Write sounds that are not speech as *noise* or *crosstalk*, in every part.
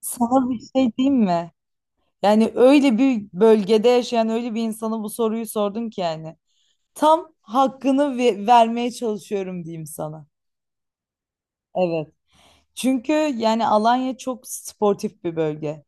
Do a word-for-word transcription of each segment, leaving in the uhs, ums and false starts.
Sana bir şey diyeyim mi? Yani öyle bir bölgede yaşayan öyle bir insana bu soruyu sordun ki yani. Tam hakkını ve- vermeye çalışıyorum diyeyim sana. Evet. Çünkü yani Alanya çok sportif bir bölge.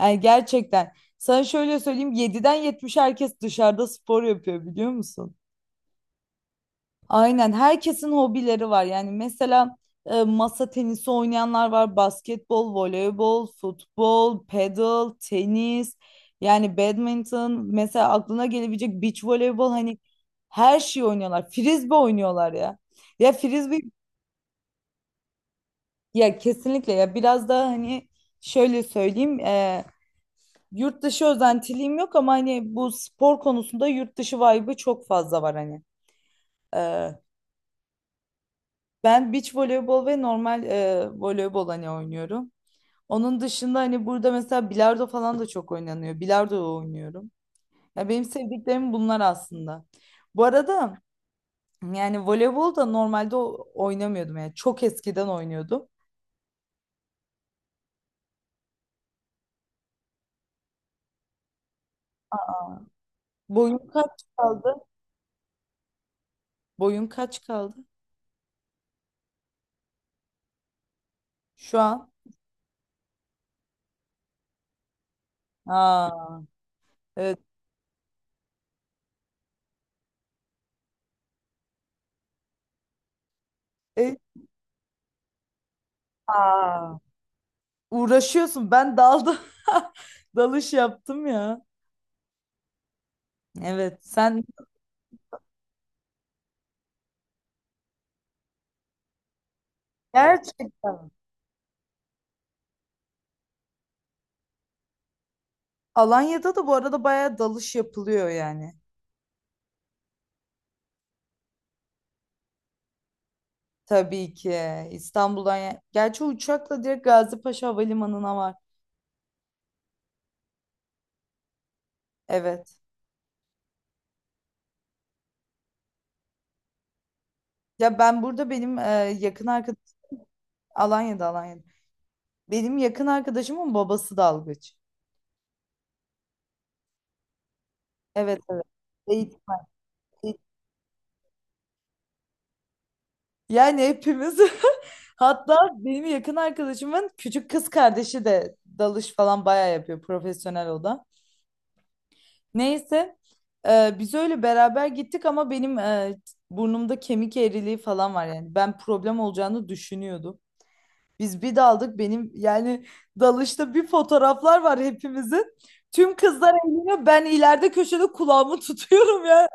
Yani gerçekten sana şöyle söyleyeyim, Yediden yetmiş herkes dışarıda spor yapıyor biliyor musun? Aynen, herkesin hobileri var. Yani mesela e, masa tenisi oynayanlar var, basketbol, voleybol, futbol, paddle, tenis, yani badminton, mesela aklına gelebilecek beach voleybol, hani her şeyi oynuyorlar. Frisbee oynuyorlar ya. Ya frisbee ya, kesinlikle ya. Biraz daha hani şöyle söyleyeyim, e, yurt dışı özentiliğim yok ama hani bu spor konusunda yurt dışı vibe'ı çok fazla var hani. E, Ben beach voleybol ve normal e, voleybol hani oynuyorum. Onun dışında hani burada mesela bilardo falan da çok oynanıyor. Bilardo oynuyorum. Ya benim sevdiklerim bunlar aslında. Bu arada, yani voleybol da normalde o- oynamıyordum, yani çok eskiden oynuyordum. Boyun kaç kaldı? Boyun kaç kaldı? Şu an. Aa, evet. E, aa, uğraşıyorsun. Ben daldım. *laughs* Dalış yaptım ya. Evet. Sen gerçekten. Alanya'da da bu arada bayağı dalış yapılıyor yani. Tabii ki İstanbul'dan. ya- Gerçi uçakla direkt Gazipaşa Havalimanı'na var. Evet. Ya ben burada, benim e, yakın arkadaşım. Alanya'da, Alanya'da. Benim yakın arkadaşımın babası dalgıç. Evet, evet. Eğit- eğit- Yani hepimiz *laughs* hatta benim yakın arkadaşımın küçük kız kardeşi de dalış falan bayağı yapıyor, profesyonel o da. Neyse, e, biz öyle beraber gittik ama benim e, burnumda kemik eğriliği falan var, yani ben problem olacağını düşünüyordum. Biz bir daldık, benim yani dalışta bir fotoğraflar var hepimizin. Tüm kızlar eğleniyor, ben ileride köşede kulağımı *laughs* tutuyorum ya.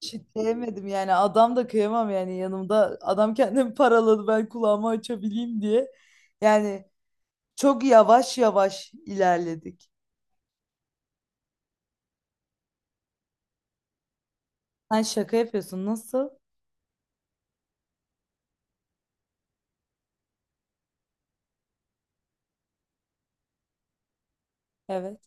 Şitleyemedim yani, adam da kıyamam yani, yanımda adam kendini paraladı ben kulağımı açabileyim diye. Yani çok yavaş yavaş ilerledik. Sen şaka yapıyorsun, nasıl? Evet.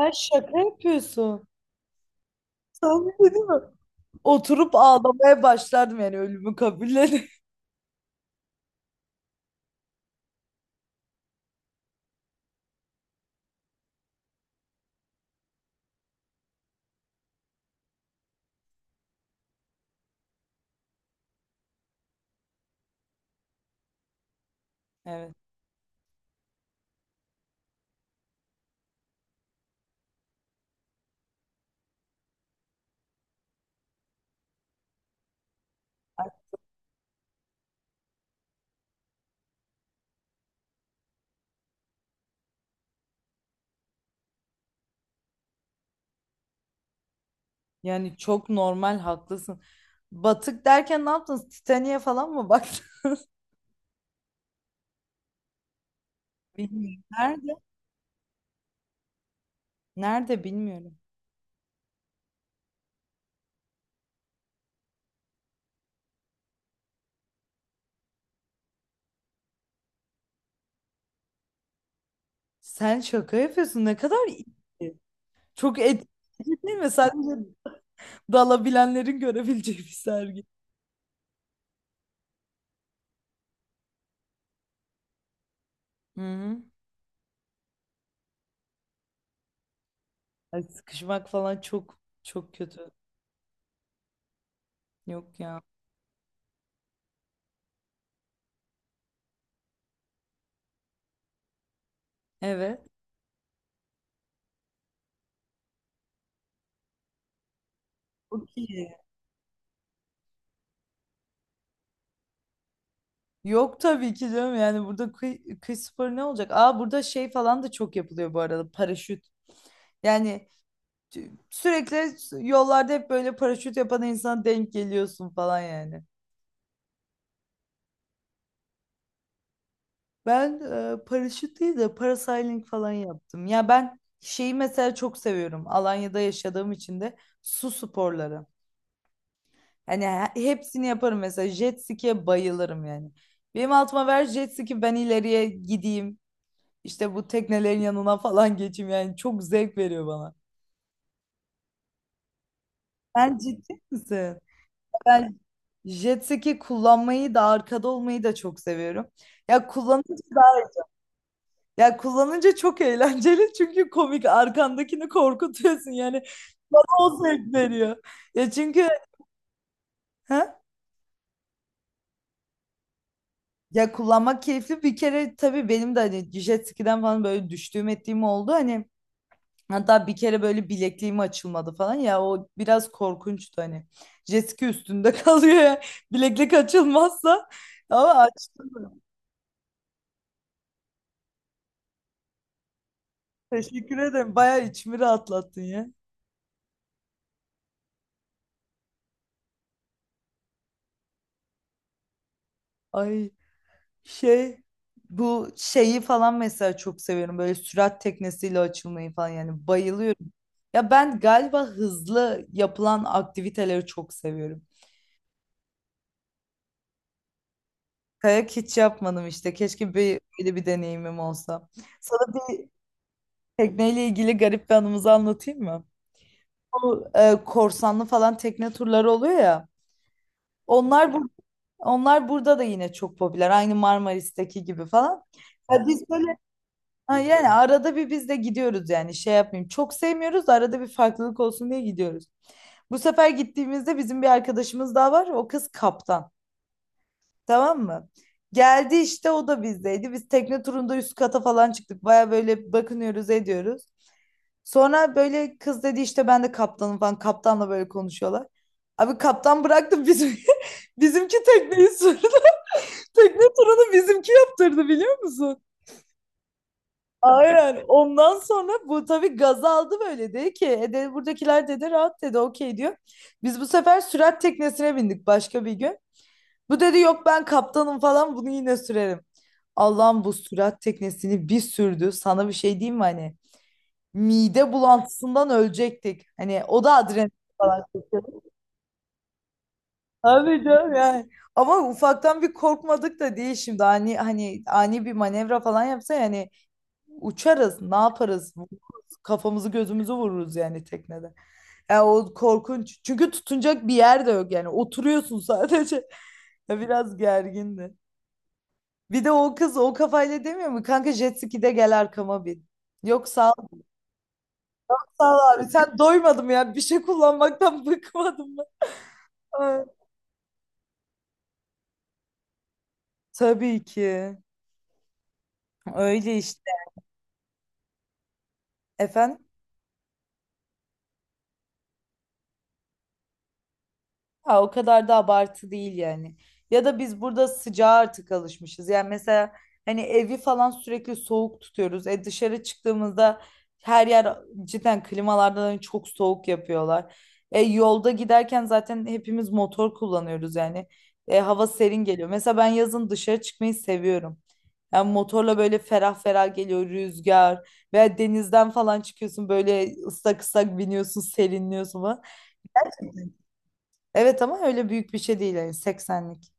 Sen şaka yapıyorsun. Sen bir şey değil mi? Oturup ağlamaya başlardım yani, ölümü kabullenip. *laughs* Evet. Yani çok normal, haklısın. Batık derken ne yaptınız? Titanic'e falan mı baktın? *laughs* Bilmiyorum. Nerede? Nerede, bilmiyorum. Sen şaka yapıyorsun. Ne kadar iyi. Çok etkileyici *laughs* değil mi? Sadece dalabilenlerin görebileceği bir sergi. Hı hı. Ay, sıkışmak falan çok çok kötü. Yok ya. Evet. Çok iyi. Yok tabii ki canım, yani burada kıy, kıy sporu ne olacak? Aa, burada şey falan da çok yapılıyor bu arada, paraşüt. Yani tü- sürekli yollarda hep böyle paraşüt yapan insana denk geliyorsun falan yani. Ben e, paraşüt değil de parasailing falan yaptım. Ya ben şeyi mesela çok seviyorum. Alanya'da yaşadığım için de, su sporları. Hani he- hepsini yaparım, mesela jet ski'ye bayılırım yani. Benim altıma ver jet ski, ben ileriye gideyim. İşte bu teknelerin yanına falan geçeyim, yani çok zevk veriyor bana. Sen ciddi misin? Ben jet ski kullanmayı da arkada olmayı da çok seviyorum. Ya kullanınca da, ya kullanınca çok eğlenceli *laughs* çünkü komik, arkandakini korkutuyorsun yani, bana o zevk veriyor. Ya çünkü, ha? Ya kullanmak keyifli bir kere tabii, benim de hani jet ski'den falan böyle düştüğüm ettiğim oldu hani. Hatta bir kere böyle bilekliğim açılmadı falan ya, o biraz korkunçtu hani. Jessica üstünde *laughs* kalıyor ya. Bileklik açılmazsa, ama açtım. Teşekkür ederim, bayağı içimi rahatlattın ya. Ay, şey, bu şeyi falan mesela çok seviyorum. Böyle sürat teknesiyle açılmayı falan yani, bayılıyorum. Ya ben galiba hızlı yapılan aktiviteleri çok seviyorum. Kayak hiç yapmadım işte. Keşke bir, böyle bir deneyimim olsa. Sana bir Tekneyle ilgili garip bir anımızı anlatayım mı? Bu e, korsanlı falan tekne turları oluyor ya. Onlar bu, onlar burada da yine çok popüler. Aynı Marmaris'teki gibi falan. Ya biz böyle, ha yani arada bir biz de gidiyoruz yani, şey yapmayayım. Çok sevmiyoruz, arada bir farklılık olsun diye gidiyoruz. Bu sefer gittiğimizde bizim bir arkadaşımız daha var. O kız kaptan. Tamam mı? Geldi işte, o da bizdeydi. Biz tekne turunda üst kata falan çıktık. Baya böyle bakınıyoruz, ediyoruz. Sonra böyle kız dedi işte ben de kaptanım falan. Kaptanla böyle konuşuyorlar. Abi, kaptan bıraktı, bizim *laughs* bizimki tekneyi sürdü. *laughs* Tekne turunu bizimki yaptırdı, biliyor musun? Aynen. Ondan sonra bu tabii gaza aldı, böyle dedi ki e dedi, buradakiler dedi rahat dedi, okey diyor. Biz bu sefer sürat teknesine bindik başka bir gün. Bu dedi yok ben kaptanım falan, bunu yine sürerim. Allah'ım, bu sürat teknesini bir sürdü. Sana bir şey diyeyim mi hani? Mide bulantısından ölecektik. Hani o da adrenalin falan çekiyor. Tabii canım yani. Ama ufaktan bir korkmadık da değil şimdi. Ani, hani ani bir manevra falan yapsa yani, uçarız, ne yaparız? Vururuz, kafamızı gözümüzü vururuz yani, teknede. Ya o korkunç. Çünkü tutunacak bir yer de yok yani. Oturuyorsun sadece. *laughs* Ya, biraz gergindi. Bir de o kız o kafayla demiyor mu? Kanka jet ski'de gel arkama bin. Yok sağ ol, sağ ol abi. Sen doymadım ya. Bir şey kullanmaktan *laughs* bıkmadım. Ay, tabii ki. Öyle işte. Efendim? Ha, o kadar da abartı değil yani. Ya da biz burada sıcağa artık alışmışız. Yani mesela hani evi falan sürekli soğuk tutuyoruz. E dışarı çıktığımızda her yer cidden klimalardan hani çok soğuk yapıyorlar. E yolda giderken zaten hepimiz motor kullanıyoruz yani. E, hava serin geliyor. Mesela ben yazın dışarı çıkmayı seviyorum. Yani motorla böyle ferah ferah geliyor rüzgar, veya denizden falan çıkıyorsun böyle ıslak ıslak biniyorsun, serinliyorsun falan. Evet ama öyle büyük bir şey değil yani, seksenlik.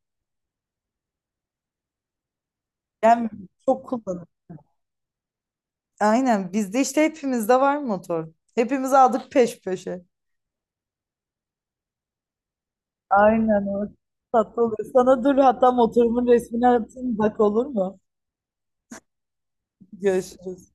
Yani çok kullanılır. Aynen, bizde işte hepimizde var motor. Hepimiz aldık peş peşe. Aynen o. Tatlı oluyor. Sana dur hatta motorumun resmini atayım, bak olur mu? Görüşürüz.